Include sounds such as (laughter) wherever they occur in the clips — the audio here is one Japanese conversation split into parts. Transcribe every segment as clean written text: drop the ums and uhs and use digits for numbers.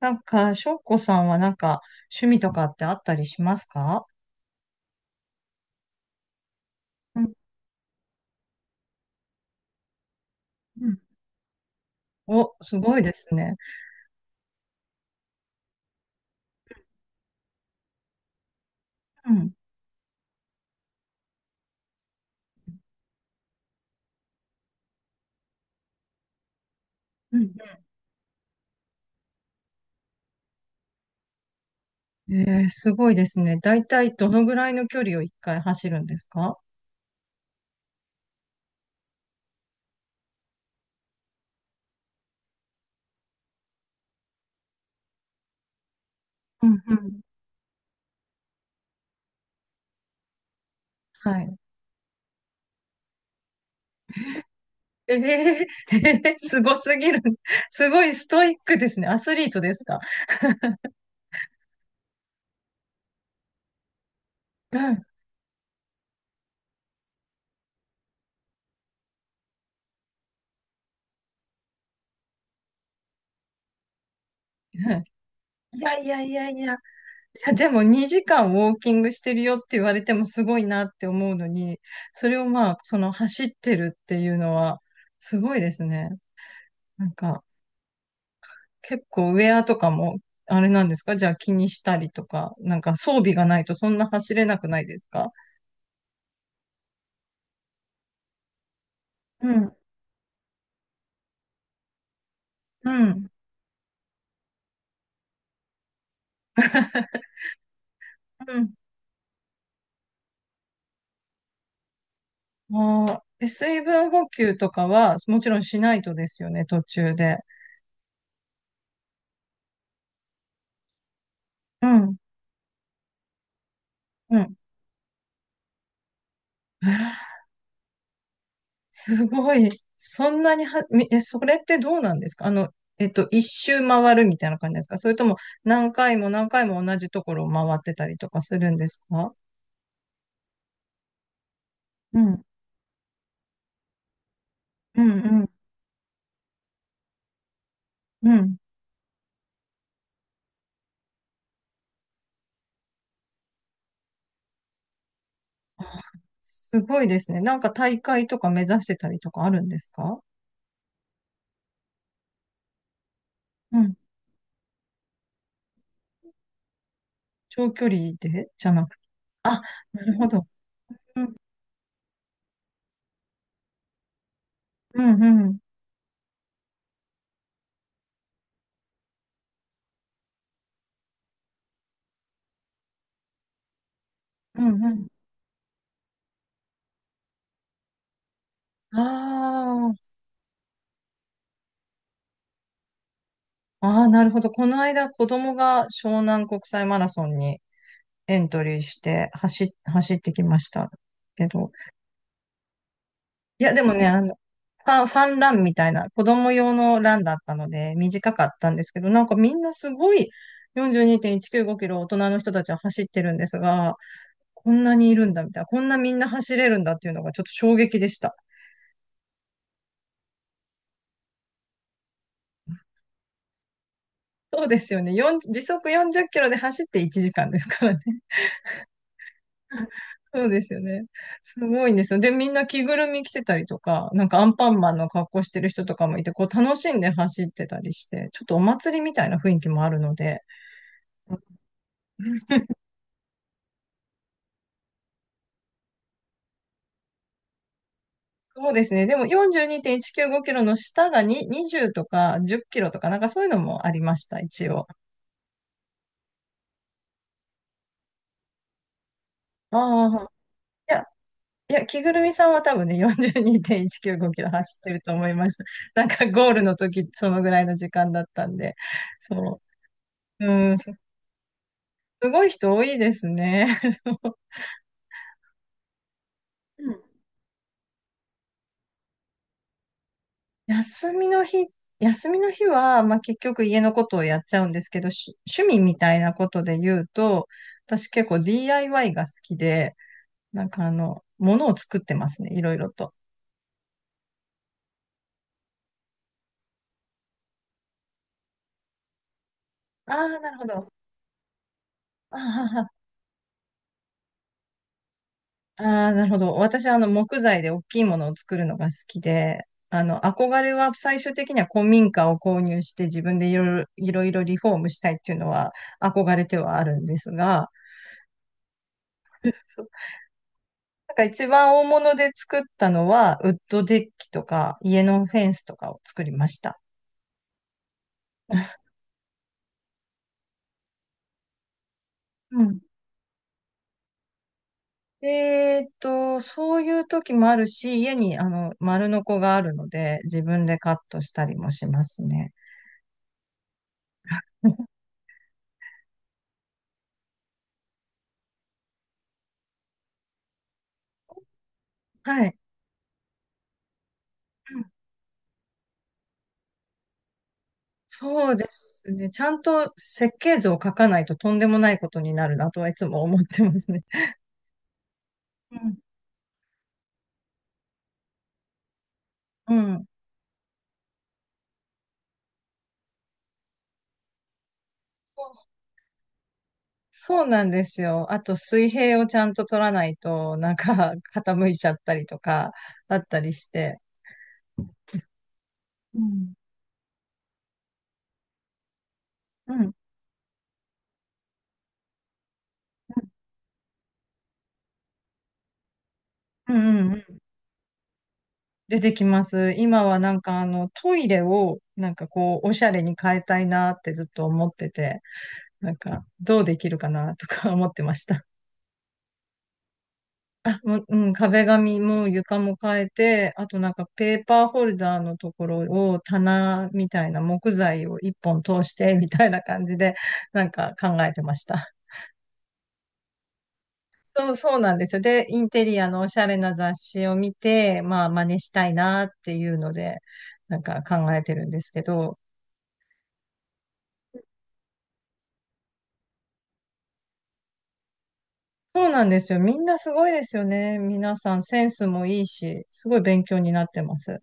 なんか、翔子さんはなんか、趣味とかってあったりしますか？うん。うん。お、すごいですね。うん。うん。うん。えー、すごいですね。だいたいどのぐらいの距離を一回走るんですか？うん。うん。はい。えー、(laughs) えーすごすぎる。すごいストイックですね。アスリートですか？うん。うん。いやいやいやいや。いや、でも2時間ウォーキングしてるよって言われてもすごいなって思うのに、それをまあ、その走ってるっていうのは、すごいですね。なんか、結構ウェアとかも、あれなんですか？じゃあ気にしたりとか、なんか装備がないとそんな走れなくないですか？うん。うん。うん。ああ。で水分補給とかは、もちろんしないとですよね、途中で。うん。うん。(laughs) すごい。そんなには、みえ、それってどうなんですか？一周回るみたいな感じですか？それとも何回も何回も同じところを回ってたりとかするんですか？うん。うん。うん。うん。すごいですね。なんか大会とか目指してたりとかあるんですか？うん。長距離でじゃなく、あ、なるほど。うん。うん。うん。うん。うん。ああ、ああ、なるほど。この間、子供が湘南国際マラソンにエントリーして走ってきましたけど。いや、でもね、ファンランみたいな、子供用のランだったので、短かったんですけど、なんかみんなすごい42.195キロ大人の人たちは走ってるんですが、こんなにいるんだみたいな、こんなみんな走れるんだっていうのがちょっと衝撃でした。そうですよね。時速40キロで走って1時間ですからね。そうですよね。すごいんですよ。で、みんな着ぐるみ着てたりとか、なんかアンパンマンの格好してる人とかもいて、こう楽しんで走ってたりして、ちょっとお祭りみたいな雰囲気もあるので、そうですね。でも42.195キロの下がに20とか10キロとか、なんかそういうのもありました、一応。ああ、いや、いや、着ぐるみさんは多分ね、42.195キロ走ってると思いました。なんかゴールの時、そのぐらいの時間だったんで、そう。うん、すごい人多いですね。(laughs) うん。休みの日、休みの日は、まあ、結局家のことをやっちゃうんですけど、趣味みたいなことで言うと、私結構 DIY が好きで、なんか物を作ってますね、いろいろと。ああ、なるほど。あーはは、あー、なるほど。私は木材で大きいものを作るのが好きで、憧れは最終的には古民家を購入して自分でいろいろリフォームしたいっていうのは憧れてはあるんですが、なんか一番大物で作ったのは、ウッドデッキとか、家のフェンスとかを作りました。うん。でそういう時もあるし、家に丸ノコがあるので、自分でカットしたりもしますね。(laughs) はい。うん。そうですね。ちゃんと設計図を書かないととんでもないことになるなとはいつも思ってますね。うん。うん。そうなんですよ。あと水平をちゃんと取らないと、なんか (laughs) 傾いちゃったりとか、あったりして。うん。うん。うん。うん。うん。出てきます。今はなんかあのトイレをなんかこうおしゃれに変えたいなってずっと思ってて、なんかどうできるかなとか思ってました。あ、もう、うん、壁紙も床も変えて、あとなんかペーパーホルダーのところを棚みたいな木材を一本通してみたいな感じでなんか考えてました。(laughs) そう、そうなんですよ。で、インテリアのおしゃれな雑誌を見て、まあ真似したいなっていうので、なんか考えてるんですけど、そうなんですよ。みんなすごいですよね。皆さんセンスもいいし、すごい勉強になってます。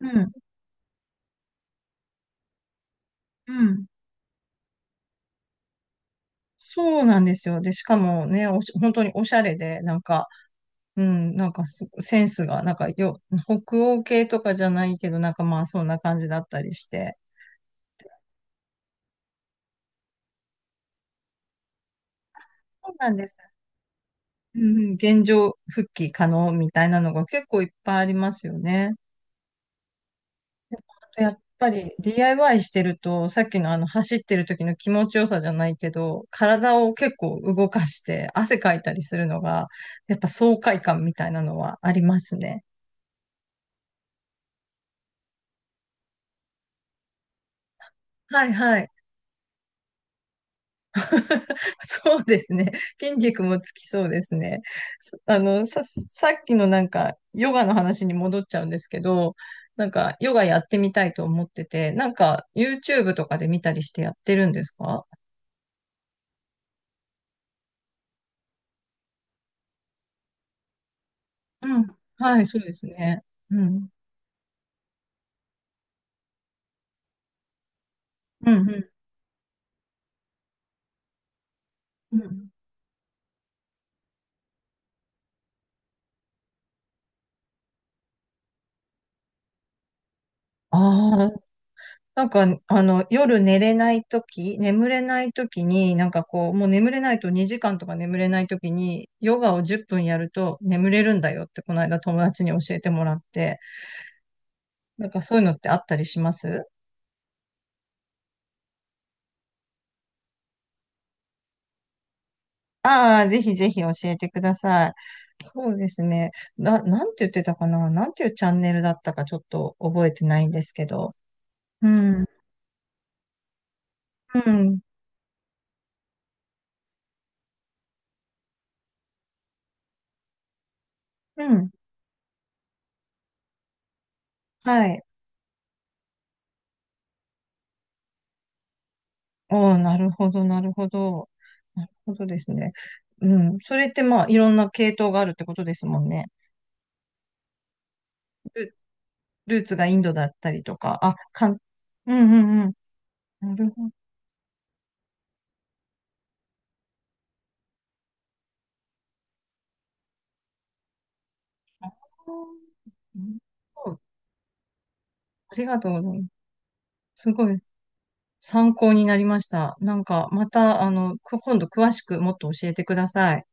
うん、うん。そうなんですよ。で、しかもね、本当におしゃれで、なんか、うん、なんかセンスが、なんか北欧系とかじゃないけど、なんかまあそんな感じだったりして。そうなんです。うん。うん、現状復帰可能みたいなのが結構いっぱいありますよね。あとやっぱり DIY してると、さっきのあの走ってる時の気持ちよさじゃないけど、体を結構動かして汗かいたりするのが、やっぱ爽快感みたいなのはありますね。はいはい。(laughs) そうですね。筋肉もつきそうですね。そあの、さっきのなんか、ヨガの話に戻っちゃうんですけど、なんか、ヨガやってみたいと思ってて、なんか、YouTube とかで見たりしてやってるんですか？うん。はい、そうですね。うん。うん、うん、うん。ああ、なんか、夜寝れないとき、眠れないときに、なんかこう、もう眠れないと2時間とか眠れないときに、ヨガを10分やると眠れるんだよって、この間友達に教えてもらって、なんかそういうのってあったりします？ああー、ぜひぜひ教えてください。そうですね。なんて言ってたかな、なんていうチャンネルだったかちょっと覚えてないんですけど。うん。うん。うん。はい。ああ、なるほど、なるほど。なるほどですね。うん。それってまあ、いろんな系統があるってことですもんね。ル、ルーツがインドだったりとか、うん。うん。うん。なるほど。うん。そう、ありがとうございます。すごい参考になりました。なんか、また、今度詳しくもっと教えてください。